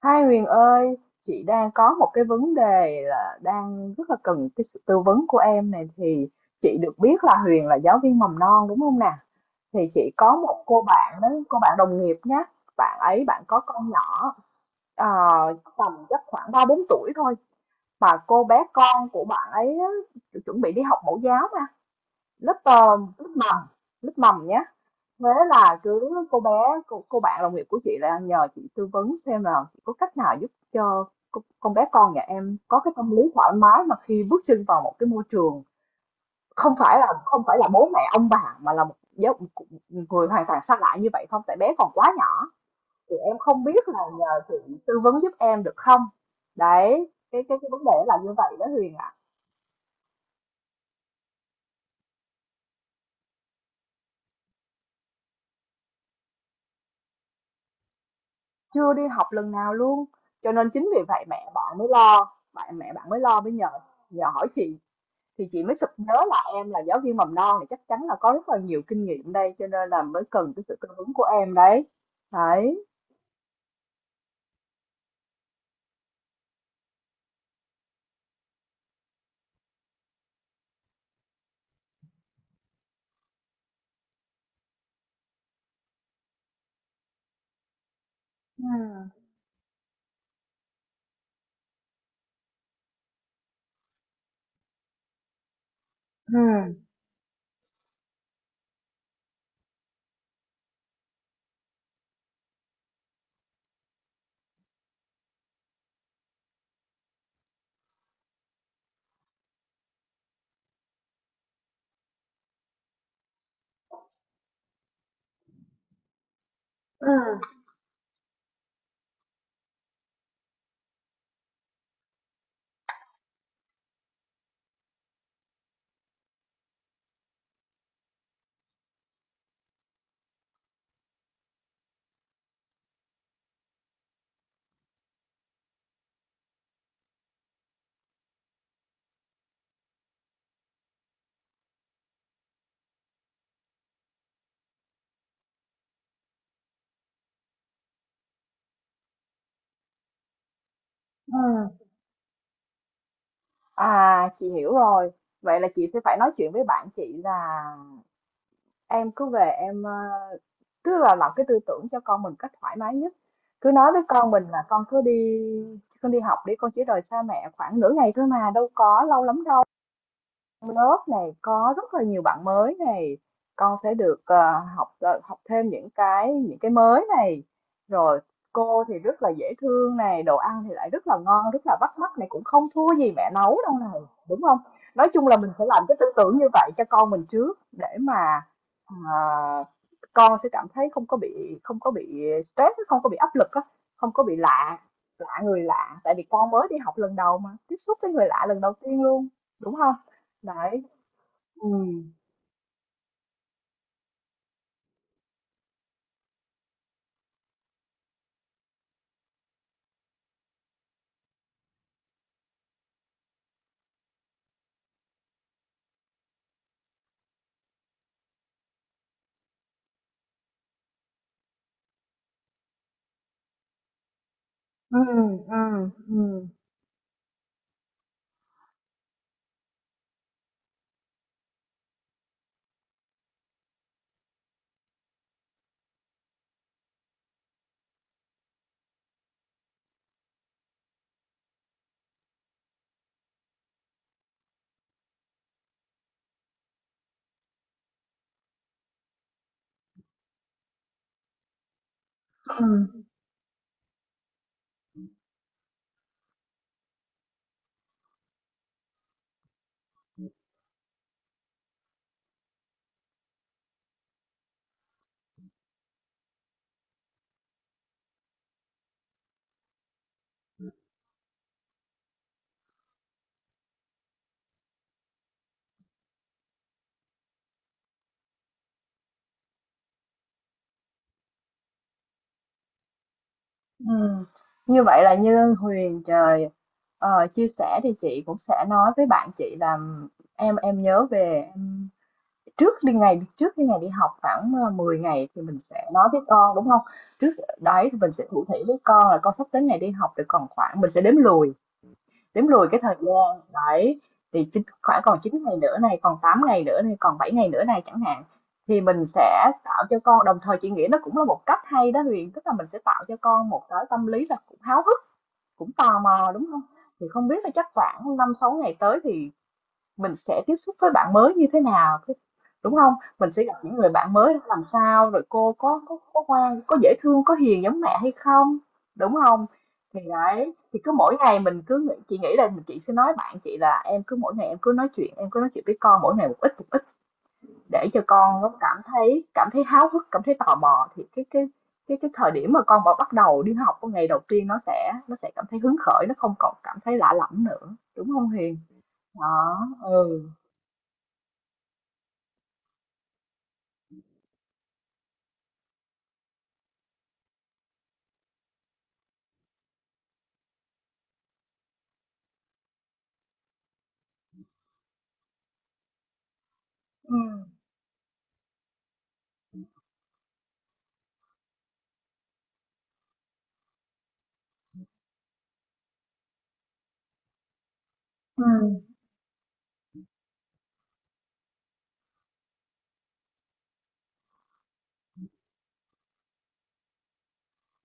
Hai Huyền ơi, chị đang có một cái vấn đề là đang rất là cần cái sự tư vấn của em này thì chị được biết là Huyền là giáo viên mầm non đúng không nè? Thì chị có một cô bạn đó, cô bạn đồng nghiệp nhé. Bạn ấy có con nhỏ ờ, tầm chắc khoảng 3 4 tuổi thôi, mà cô bé con của bạn ấy á, chuẩn bị đi học mẫu giáo mà lớp ờ, lớp mầm lớp mầm nhé. Thế là cứ cô bạn đồng nghiệp của chị là nhờ chị tư vấn xem là chị có cách nào giúp cho con bé con nhà em có cái tâm lý thoải mái mà khi bước chân vào một cái môi trường không phải là bố mẹ ông bà mà là một người hoàn toàn xa lạ như vậy không, tại bé còn quá nhỏ, thì em không biết là nhờ chị tư vấn giúp em được không, đấy cái vấn đề là như vậy đó Huyền ạ. Chưa đi học lần nào luôn, cho nên chính vì vậy mẹ bạn mới lo bạn mẹ bạn mới lo mới nhờ nhờ hỏi chị. Thì chị mới sực nhớ là em là giáo viên mầm non thì chắc chắn là có rất là nhiều kinh nghiệm đây, cho nên là mới cần cái sự tư vấn của em đấy. Đấy. Ừ. Ừ. Ừ. Ừ. À, chị hiểu rồi. Vậy là chị sẽ phải nói chuyện với bạn chị là em cứ về em, tức là làm cái tư tưởng cho con mình cách thoải mái nhất. Cứ nói với con mình là con đi học đi, con chỉ rời xa mẹ khoảng nửa ngày thôi mà đâu có lâu lắm đâu. Lớp này có rất là nhiều bạn mới này, con sẽ được, học, học thêm những cái mới này. Rồi cô thì rất là dễ thương này, đồ ăn thì lại rất là ngon, rất là bắt mắt này, cũng không thua gì mẹ nấu đâu này, đúng không? Nói chung là mình phải làm cái tư tưởng như vậy cho con mình trước để mà, ờ, con sẽ cảm thấy không có bị stress, không có bị áp lực á, không có bị lạ lạ người lạ, tại vì con mới đi học lần đầu mà, tiếp xúc với người lạ lần đầu tiên luôn, đúng không? Đấy. Ừm. Ừm. Ừm. Ừm. Ừm. Ừm. Như vậy là như Huyền trời chia sẻ thì chị cũng sẽ nói với bạn chị là em nhớ về trước khi ngày đi học khoảng 10 ngày thì mình sẽ nói với con, đúng không? Trước đấy thì mình sẽ thủ thỉ với con là con sắp đến ngày đi học rồi, còn khoảng, mình sẽ đếm lùi cái thời gian, đấy, thì chính khoảng còn 9 ngày nữa này, còn 8 ngày nữa này, còn 7 ngày nữa này chẳng hạn, thì mình sẽ tạo cho con, đồng thời chị nghĩ nó cũng là một cách hay đó Huyền, tức là mình sẽ tạo cho con một cái tâm lý là cũng háo hức, cũng tò mò, đúng không? Thì không biết là chắc khoảng 5 6 ngày tới thì mình sẽ tiếp xúc với bạn mới như thế nào, đúng không? Mình sẽ gặp những người bạn mới làm sao, rồi cô có ngoan, có dễ thương, có hiền giống mẹ hay không, đúng không? Thì đấy, thì cứ mỗi ngày mình cứ nghĩ chị nghĩ là chị sẽ nói bạn chị là em cứ mỗi ngày, em cứ nói chuyện với con mỗi ngày một ít, một ít, để cho con nó cảm thấy háo hức, cảm thấy tò mò, thì cái thời điểm mà con mà bắt đầu đi học cái ngày đầu tiên, nó sẽ cảm thấy hứng khởi, nó không còn cảm thấy lạ lẫm nữa, đúng không hiền? Đó. Ừ. Ừ. Ừ.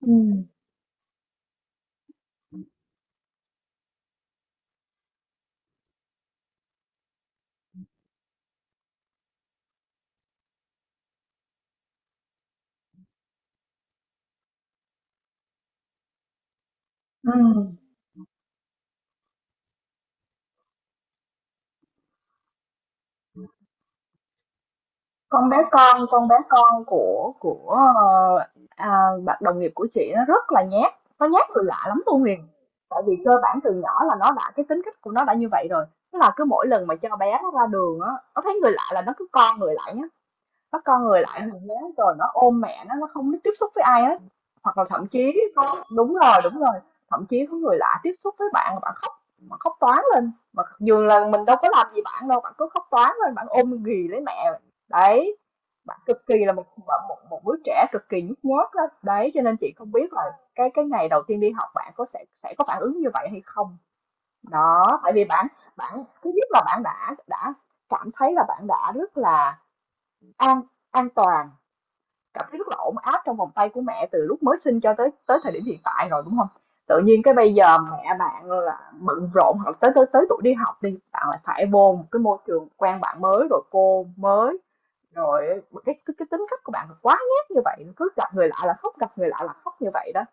Ừ. Ừ. Con bé con của, bạn đồng nghiệp của chị nó rất là nhát, nó nhát từ lạ lắm luôn Huyền. Tại vì cơ bản từ nhỏ là nó đã cái tính cách của nó đã như vậy rồi, tức là cứ mỗi lần mà cho bé nó ra đường á, nó thấy người lạ là nó cứ con người lại. Nó co người lại hình thế, rồi nó ôm mẹ nó không biết tiếp xúc với ai hết. Hoặc là thậm chí có đúng rồi, thậm chí có người lạ tiếp xúc với bạn mà bạn khóc, mà khóc toáng lên, mà dù là mình đâu có làm gì bạn đâu, bạn cứ khóc toáng lên, bạn ôm ghì lấy mẹ, đấy, bạn cực kỳ là một đứa trẻ cực kỳ nhút nhát đó đấy, cho nên chị không biết là cái ngày đầu tiên đi học bạn có sẽ có phản ứng như vậy hay không. Đó tại vì bạn, thứ nhất là bạn đã cảm thấy là bạn đã rất là an, an toàn cảm thấy rất là ổn áp trong vòng tay của mẹ từ lúc mới sinh cho tới tới thời điểm hiện tại rồi, đúng không? Tự nhiên cái bây giờ mẹ bạn là bận rộn, hoặc tới tới tới tuổi đi học đi, bạn lại phải vô một cái môi trường quen bạn mới, rồi cô mới, rồi cái tính cách của bạn quá nhát như vậy, cứ gặp người lạ là khóc, gặp người lạ là khóc như vậy đó,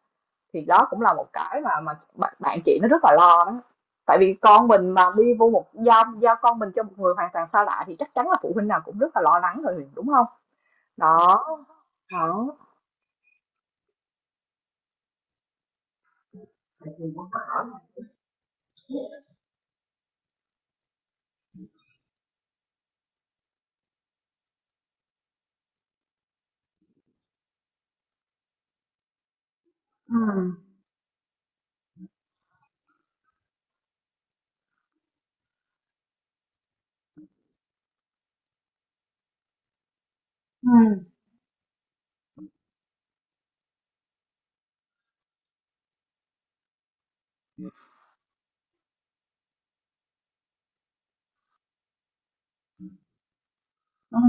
thì đó cũng là một cái mà bạn chị nó rất là lo đó, tại vì con mình mà đi vô một giao giao con mình cho một người hoàn toàn xa lạ thì chắc chắn là phụ huynh nào cũng rất là lo lắng rồi, đúng không? Đó. Đó. Ừ. Ừ. Ừ.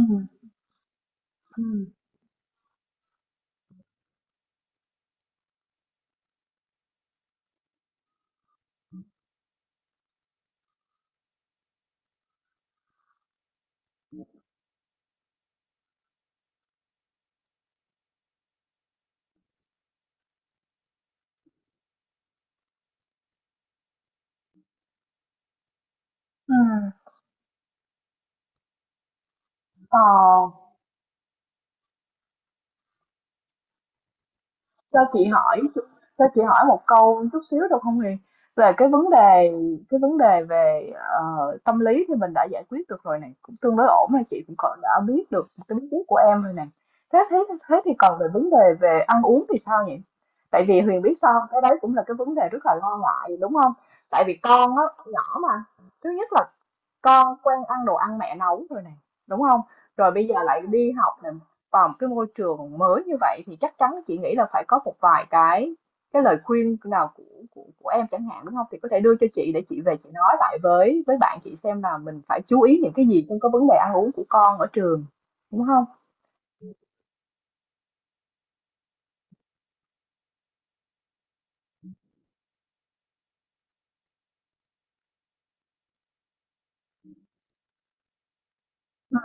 Ừ. Ừm. Ờ, cho chị hỏi cho chị hỏi một câu chút xíu được không Huyền? Về cái vấn đề về, tâm lý thì mình đã giải quyết được rồi này, cũng tương đối ổn rồi, chị cũng còn đã biết được tính khí của em rồi này. Thế thế thế thì còn về vấn đề về ăn uống thì sao nhỉ? Tại vì Huyền biết sao hông? Cái đấy cũng là cái vấn đề rất là lo ngại, đúng không? Tại vì con á, nhỏ mà, thứ nhất là con quen ăn đồ ăn mẹ nấu rồi này, đúng không, rồi bây giờ lại đi học này, vào một cái môi trường mới như vậy thì chắc chắn chị nghĩ là phải có một vài cái lời khuyên nào của của em chẳng hạn, đúng không, thì có thể đưa cho chị để chị về chị nói lại với bạn chị xem là mình phải chú ý những cái gì trong cái vấn đề ăn uống của con ở trường, đúng không? Ừ.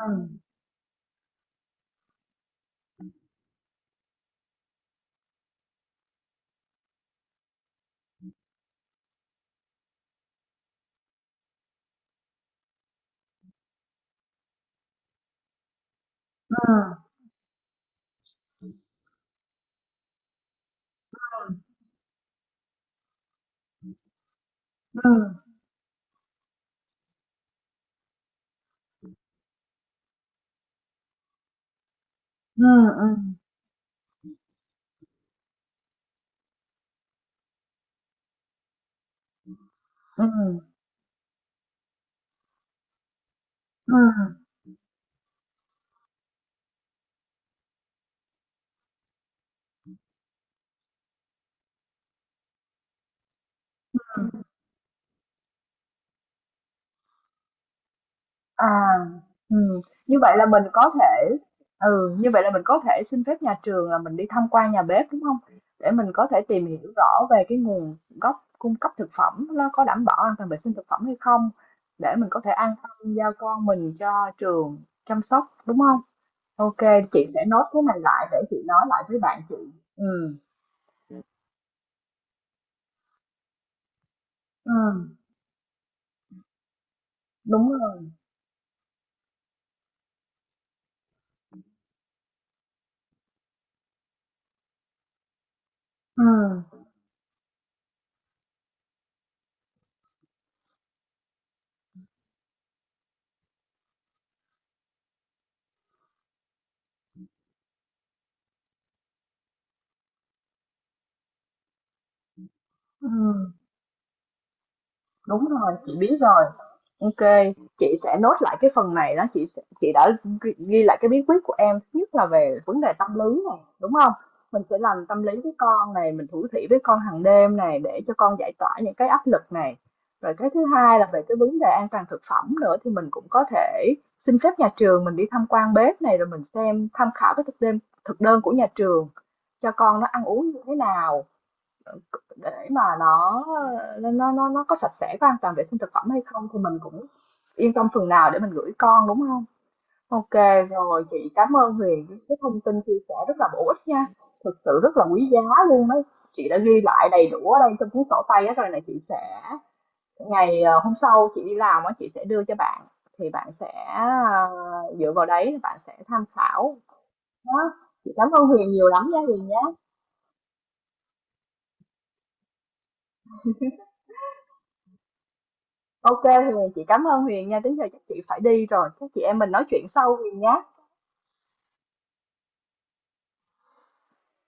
Ừ. Ừ. Ừ. Ừ. Ừ. À, ừm, như vậy là mình có thể ừ, như vậy là mình có thể xin phép nhà trường là mình đi tham quan nhà bếp, đúng không? Để mình có thể tìm hiểu rõ về cái nguồn gốc cung cấp thực phẩm nó có đảm bảo an toàn vệ sinh thực phẩm hay không, để mình có thể an tâm giao con mình cho trường chăm sóc, đúng không? OK, chị sẽ nốt cái này lại để chị nói lại với bạn chị. Ừ. Ừm. Đúng rồi. Ừm. Ừm. Đúng rồi, chị biết rồi. Ok, chị sẽ nốt lại cái phần này đó, chị đã ghi lại cái bí quyết của em, thứ nhất là về vấn đề tâm lý này, đúng không? Mình sẽ làm tâm lý với con này, mình thủ thỉ với con hàng đêm này để cho con giải tỏa những cái áp lực này. Rồi cái thứ hai là về cái vấn đề an toàn thực phẩm nữa, thì mình cũng có thể xin phép nhà trường mình đi tham quan bếp này, rồi mình xem tham khảo cái thực đơn của nhà trường cho con nó ăn uống như thế nào, để mà nó có sạch sẽ, có an toàn vệ sinh thực phẩm hay không, thì mình cũng yên tâm phần nào để mình gửi con, đúng không? Ok rồi, chị cảm ơn Huyền với cái thông tin chia sẻ rất là bổ ích nha, thực sự rất là quý giá luôn đấy, chị đã ghi lại đầy đủ ở đây trong cuốn sổ tay á rồi này, chị sẽ hôm sau chị đi làm á chị sẽ đưa cho bạn, thì bạn sẽ dựa vào đấy bạn sẽ tham khảo. Đó. Chị cảm ơn Huyền nhiều lắm nha Huyền nhé. OK Huyền, chị cảm ơn Huyền nha, đến giờ chắc chị phải đi rồi. Các chị em mình nói chuyện sau Huyền nhé.